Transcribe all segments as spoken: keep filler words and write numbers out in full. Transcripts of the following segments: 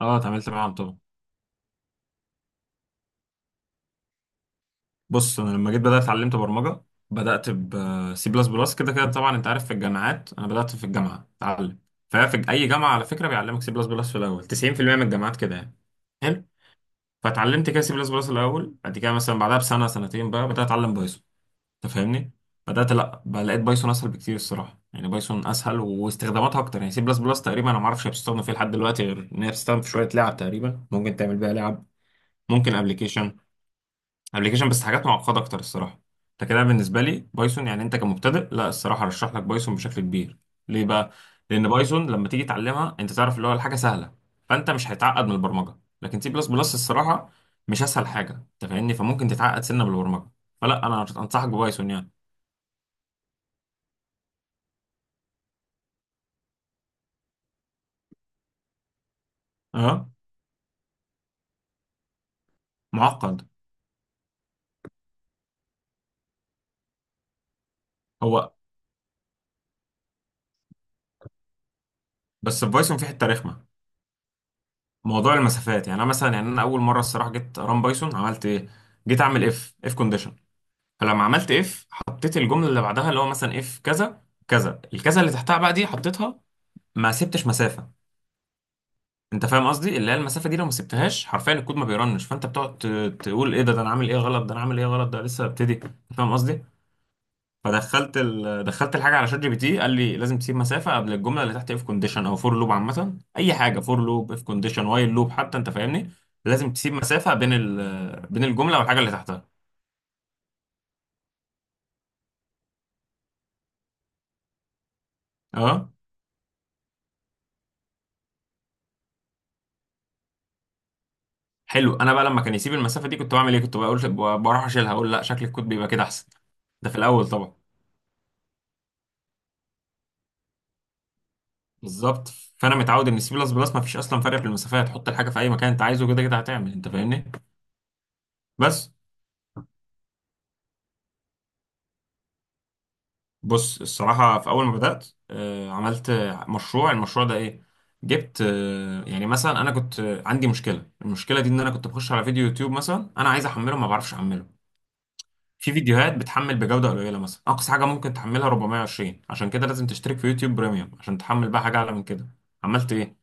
اه، اتعاملت معاهم طبعا. بص، انا لما جيت بدات اتعلمت برمجه، بدات بسي بلس بلس. كده كده طبعا انت عارف في الجامعات، انا بدات في الجامعه اتعلم. ففي اي جامعه على فكره بيعلمك سي بلس بلس في الاول، تسعين في المية من الجامعات كده يعني. حلو. فاتعلمت كده سي بلس بلس الاول، بعد كده مثلا بعدها بسنه سنتين بقى بدات اتعلم بايثون. انت فاهمني؟ بدات لا بقى، لقيت بايثون اسهل بكتير الصراحه. يعني بايثون اسهل واستخداماتها اكتر، يعني سي بلس بلس تقريبا انا ما اعرفش هي بتستخدم فيه لحد دلوقتي، غير ان هي بتستخدم في شويه لعب. تقريبا ممكن تعمل بيها لعب، ممكن ابلكيشن. ابلكيشن بس حاجات معقده اكتر الصراحه. انت كده بالنسبه لي بايثون، يعني انت كمبتدئ، لا الصراحه ارشح لك بايثون بشكل كبير. ليه بقى؟ لان بايثون لما تيجي تعلمها انت تعرف اللي هو الحاجه سهله، فانت مش هيتعقد من البرمجه. لكن سي بلس بلس الصراحه مش اسهل حاجه، انت فاهمني؟ فممكن تتعقد سنه بالبرمجه، فلا انا انصحك ببايثون يعني. اه معقد. هو بس في بايثون في حته رخمه: موضوع المسافات. يعني انا مثلا، يعني انا اول مره الصراحه جيت ران بايثون عملت ايه؟ جيت اعمل اف اف كونديشن، فلما عملت اف حطيت الجمله اللي بعدها اللي هو مثلا اف كذا كذا الكذا اللي تحتها بقى دي حطيتها، ما سبتش مسافه. انت فاهم قصدي؟ اللي هي المسافه دي لو ما سبتهاش حرفيا الكود ما بيرنش، فانت بتقعد ت- تقول ايه ده، ده انا عامل ايه غلط، ده انا عامل ايه غلط، ده لسه ببتدي. فاهم قصدي؟ فدخلت ال... دخلت الحاجه على شات جي بي تي، قال لي لازم تسيب مسافه قبل الجمله اللي تحت اف كونديشن او فور لوب، عامه اي حاجه، فور لوب، اف كونديشن، وايل لوب حتى، انت فاهمني؟ لازم تسيب مسافه بين ال... بين الجمله والحاجه اللي تحتها. اه. حلو. انا بقى لما كان يسيب المسافه دي كنت بعمل ايه؟ كنت بقول ب- بروح اشيلها، اقول لا شكل الكود بيبقى كده احسن. ده في الاول طبعا. بالظبط. فانا متعود ان السي بلس بلس ما فيش اصلا فرق في المسافات، حط الحاجه في اي مكان انت عايزه كده كده هتعمل، انت فاهمني؟ بس بص، الصراحه في اول ما بدات آه، عملت آه، مشروع. المشروع ده ايه؟ جبت، آه، يعني مثلا انا كنت آه، عندي مشكله. المشكله دي ان انا كنت بخش على فيديو يوتيوب مثلا، انا عايز احمله ما بعرفش احمله. في فيديوهات بتحمل بجودة قليلة، مثلا أقصى حاجة ممكن تحملها اربعمية وعشرين، عشان كده لازم تشترك في يوتيوب بريميوم عشان تحمل بقى حاجة أعلى من كده. عملت إيه؟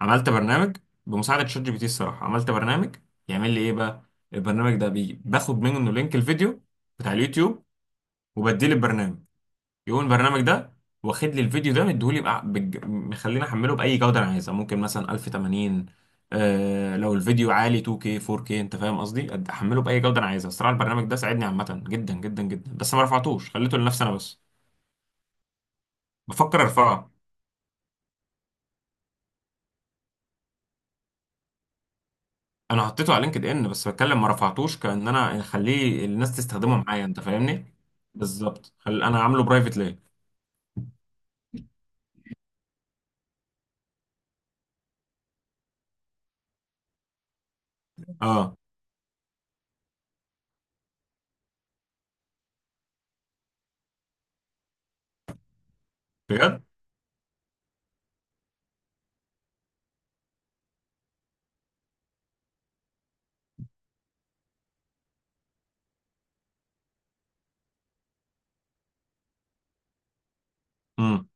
عملت برنامج. بمساعدة شات جي بي تي الصراحة عملت برنامج، يعمل لي إيه بقى؟ البرنامج ده بي باخد منه لينك الفيديو بتاع اليوتيوب وبديه للبرنامج، يقوم البرنامج ده واخد لي الفيديو ده مديهولي بقى- بج- مخليني احمله باي جوده انا عايزها، ممكن مثلا الف وثمانين. آه، لو الفيديو عالي تو كيه فور كيه انت فاهم قصدي، أد- احمله باي جوده انا عايزها. الصراحه البرنامج ده ساعدني عامه جدا جدا جدا، بس ما رفعتوش، خليته لنفسي انا بس. بفكر ارفعه. انا حطيته على لينكد ان بس بتكلم، ما رفعتوش كان انا اخليه الناس تستخدمه معايا، انت فاهمني؟ بالظبط. خل... انا عامله برايفت ليه. اه. بجد. امم.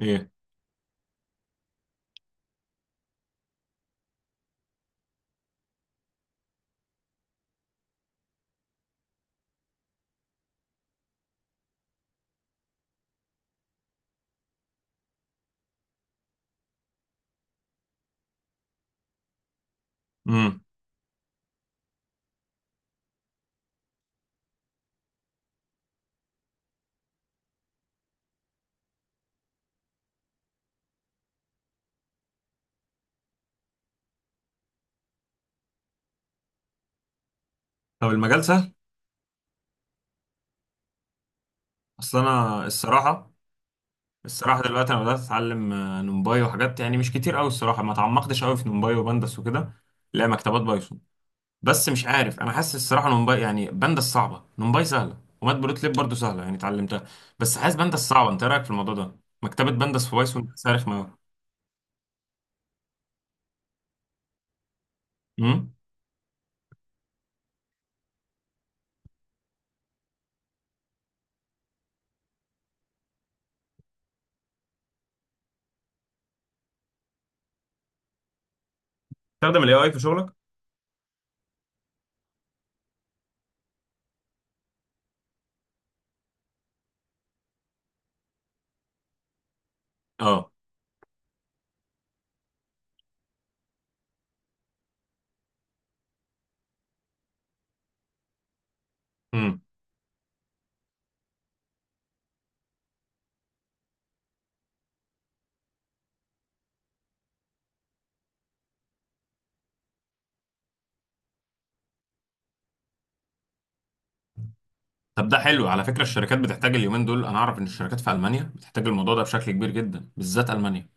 ايه. امم. طب المجال سهل؟ اصل انا الصراحه، الصراحة دلوقتي أنا بدأت أتعلم آه، نمباي وحاجات، يعني مش كتير أوي الصراحة، ما تعمقتش أوي في نمباي وبندس وكده. لا، مكتبات بايثون، بس مش عارف. أنا حاسس الصراحة نمباي، يعني بندس صعبة، نمباي سهلة، ومات بروتليب برضه سهلة يعني اتعلمتها، بس حاسس بندس صعبة. أنت إيه رأيك في الموضوع ده؟ مكتبة بندس في بايثون صارخ ما. أمم. تستخدم الاي اي في شغلك؟ أه. أمم. طب ده حلو على فكرة، الشركات بتحتاج اليومين دول. أنا أعرف إن الشركات في ألمانيا بتحتاج الموضوع ده بشكل كبير جدا، بالذات ألمانيا.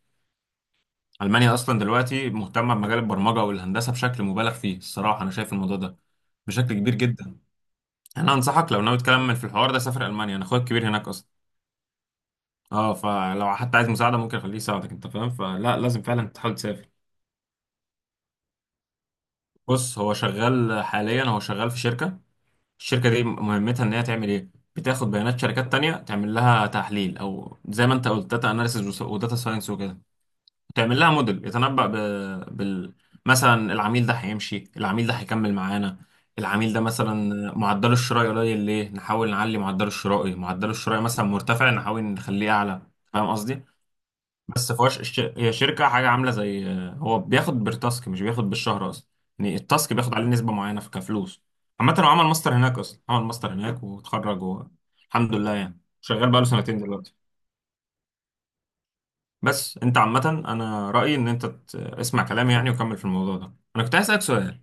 ألمانيا أصلا دلوقتي مهتمة بمجال البرمجة والهندسة بشكل مبالغ فيه الصراحة، أنا شايف الموضوع ده بشكل كبير جدا. أنا أنصحك لو ناوي تكمل في الحوار ده سافر ألمانيا، أنا أخويا الكبير هناك أصلا. أه، فلو حتى عايز مساعدة ممكن أخليه يساعدك، أنت فاهم؟ فلا، لازم فعلا تحاول تسافر. بص، هو شغال حاليا، هو شغال في شركة. الشركة دي مهمتها إن هي تعمل إيه؟ بتاخد بيانات شركات تانية تعمل لها تحليل، أو زي ما أنت قلت داتا أناليسيز وداتا ساينس وكده. تعمل لها موديل يتنبأ ب... بال مثلا العميل ده هيمشي، العميل ده هيكمل معانا، العميل ده مثلا معدله الشرائي قليل ليه، نحاول نعلي معدله الشرائي، معدله الشرائي مثلا مرتفع نحاول نخليه اعلى. فاهم قصدي؟ بس فواش الش... هي شركة حاجة عاملة زي، هو بياخد بالتاسك مش بياخد بالشهر اصلا، يعني التاسك بياخد عليه نسبة معينة في كفلوس. عامة هو عمل ماستر هناك اصلا، عمل ماستر هناك واتخرج و... الحمد لله، يعني شغال بقاله سنتين دلوقتي. بس انت عامة انا رأيي ان انت ت- اسمع كلامي يعني، وكمل في الموضوع ده. انا كنت عايز اسألك سؤال: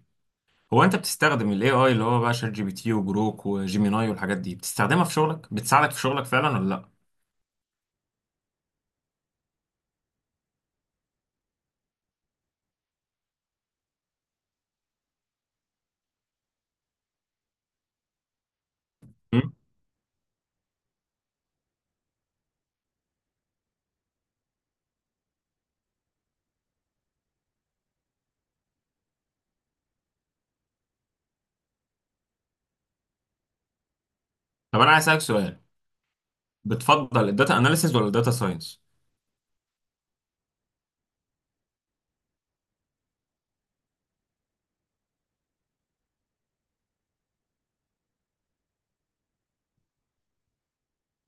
هو انت بتستخدم الاي اي اللي هو بقى شات جي بي تي وجروك وجيميناي والحاجات دي، بتستخدمها في شغلك، بتساعدك في شغلك فعلا ولا لا؟ مم؟ طب انا عايز اسألك سؤال. بتفضل الداتا اناليسيز ولا الداتا ساينس؟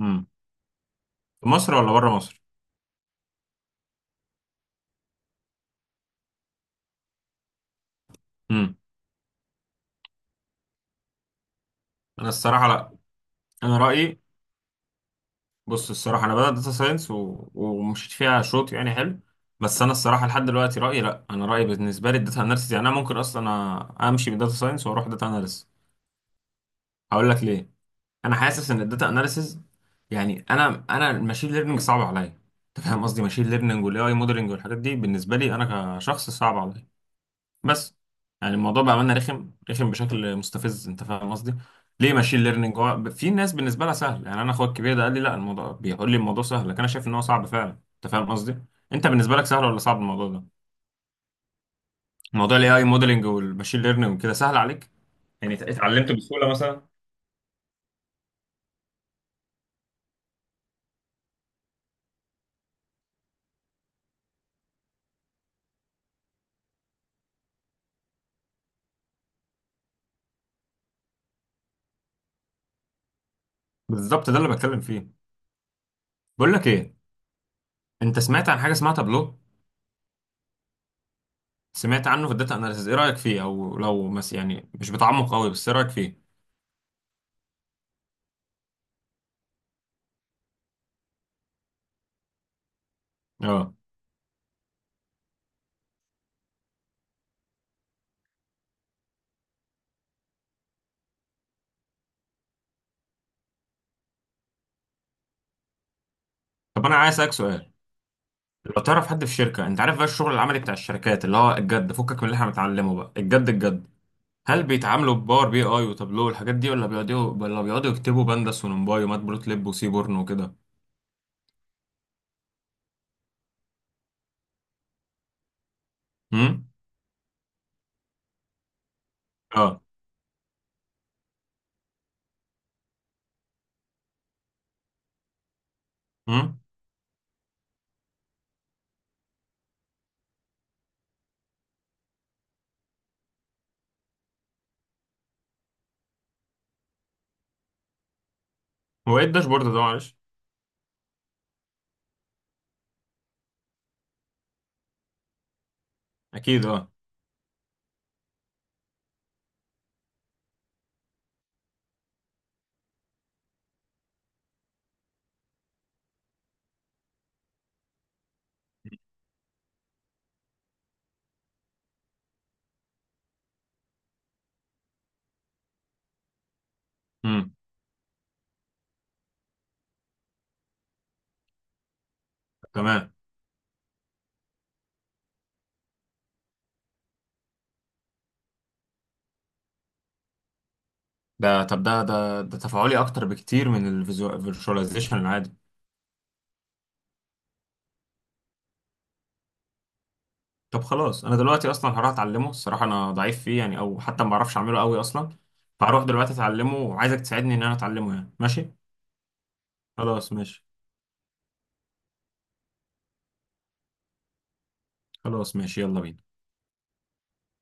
امم. في مصر ولا بره مصر؟ امم. انا الصراحة لا، انا رأيي، بص الصراحة أنا بدأت داتا ساينس و... ومشيت فيها شوط يعني حلو. بس أنا الصراحة لحد دلوقتي رأيي لأ، أنا رأيي بالنسبة لي الداتا أناليسيس. يعني أنا ممكن أصلا أ- أمشي من داتا ساينس وأروح داتا أناليسيس. هقول لك ليه. أنا حاسس إن الداتا أناليسيس، يعني أنا أنا الماشين ليرنينج صعب عليا. أنت فاهم قصدي؟ ماشين ليرنينج والأي أي موديلنج والحاجات دي بالنسبة لي أنا كشخص صعب عليا. بس يعني الموضوع بأمانة رخم، رخم بشكل مستفز، انت فاهم قصدي؟ ليه ماشين ليرنينج هو في ناس بالنسبة لها سهل، يعني انا اخويا الكبير ده قال لي لا الموضوع، بيقول لي الموضوع سهل، لكن انا شايف ان هو صعب فعلا. انت فاهم قصدي؟ انت بالنسبة لك سهل ولا صعب الموضوع ده؟ موضوع الاي اي موديلنج والماشين ليرنينج وكده سهل عليك؟ يعني ات- اتعلمته بسهولة مثلا؟ بالظبط ده اللي بتكلم فيه. بقول لك ايه، انت سمعت عن حاجة اسمها تابلو؟ سمعت عنه في الداتا اناليسيز، ايه رأيك فيه؟ او لو مس، يعني مش بتعمق قوي، بس ايه رأيك فيه؟ اه. طب انا عايز اسالك سؤال، لو تعرف حد في شركة، انت عارف بقى الشغل العملي بتاع الشركات اللي هو الجد، فكك من اللي احنا بنتعلمه بقى، الجد الجد، هل بيتعاملوا بباور بي اي وتابلو والحاجات دي، ولا بيقعدوا، ولا بيقعدوا يكتبوا بندس ونمباي ومات بلوتليب وسيبورن وكده؟ امم. اه. امم. هو ايه الداشبورد ده معلش؟ اكيد اه. امم. تمام. ده طب ده ده ده تفاعلي اكتر بكتير من الفيرشواليزيشن العادي. طب خلاص، انا دلوقتي اصلا هروح اتعلمه، الصراحة انا ضعيف فيه يعني، او حتى ما بعرفش اعمله قوي اصلا. فهروح دلوقتي اتعلمه، وعايزك تساعدني ان انا اتعلمه، يعني ماشي؟ خلاص ماشي. خلاص ماشي، يلا بينا.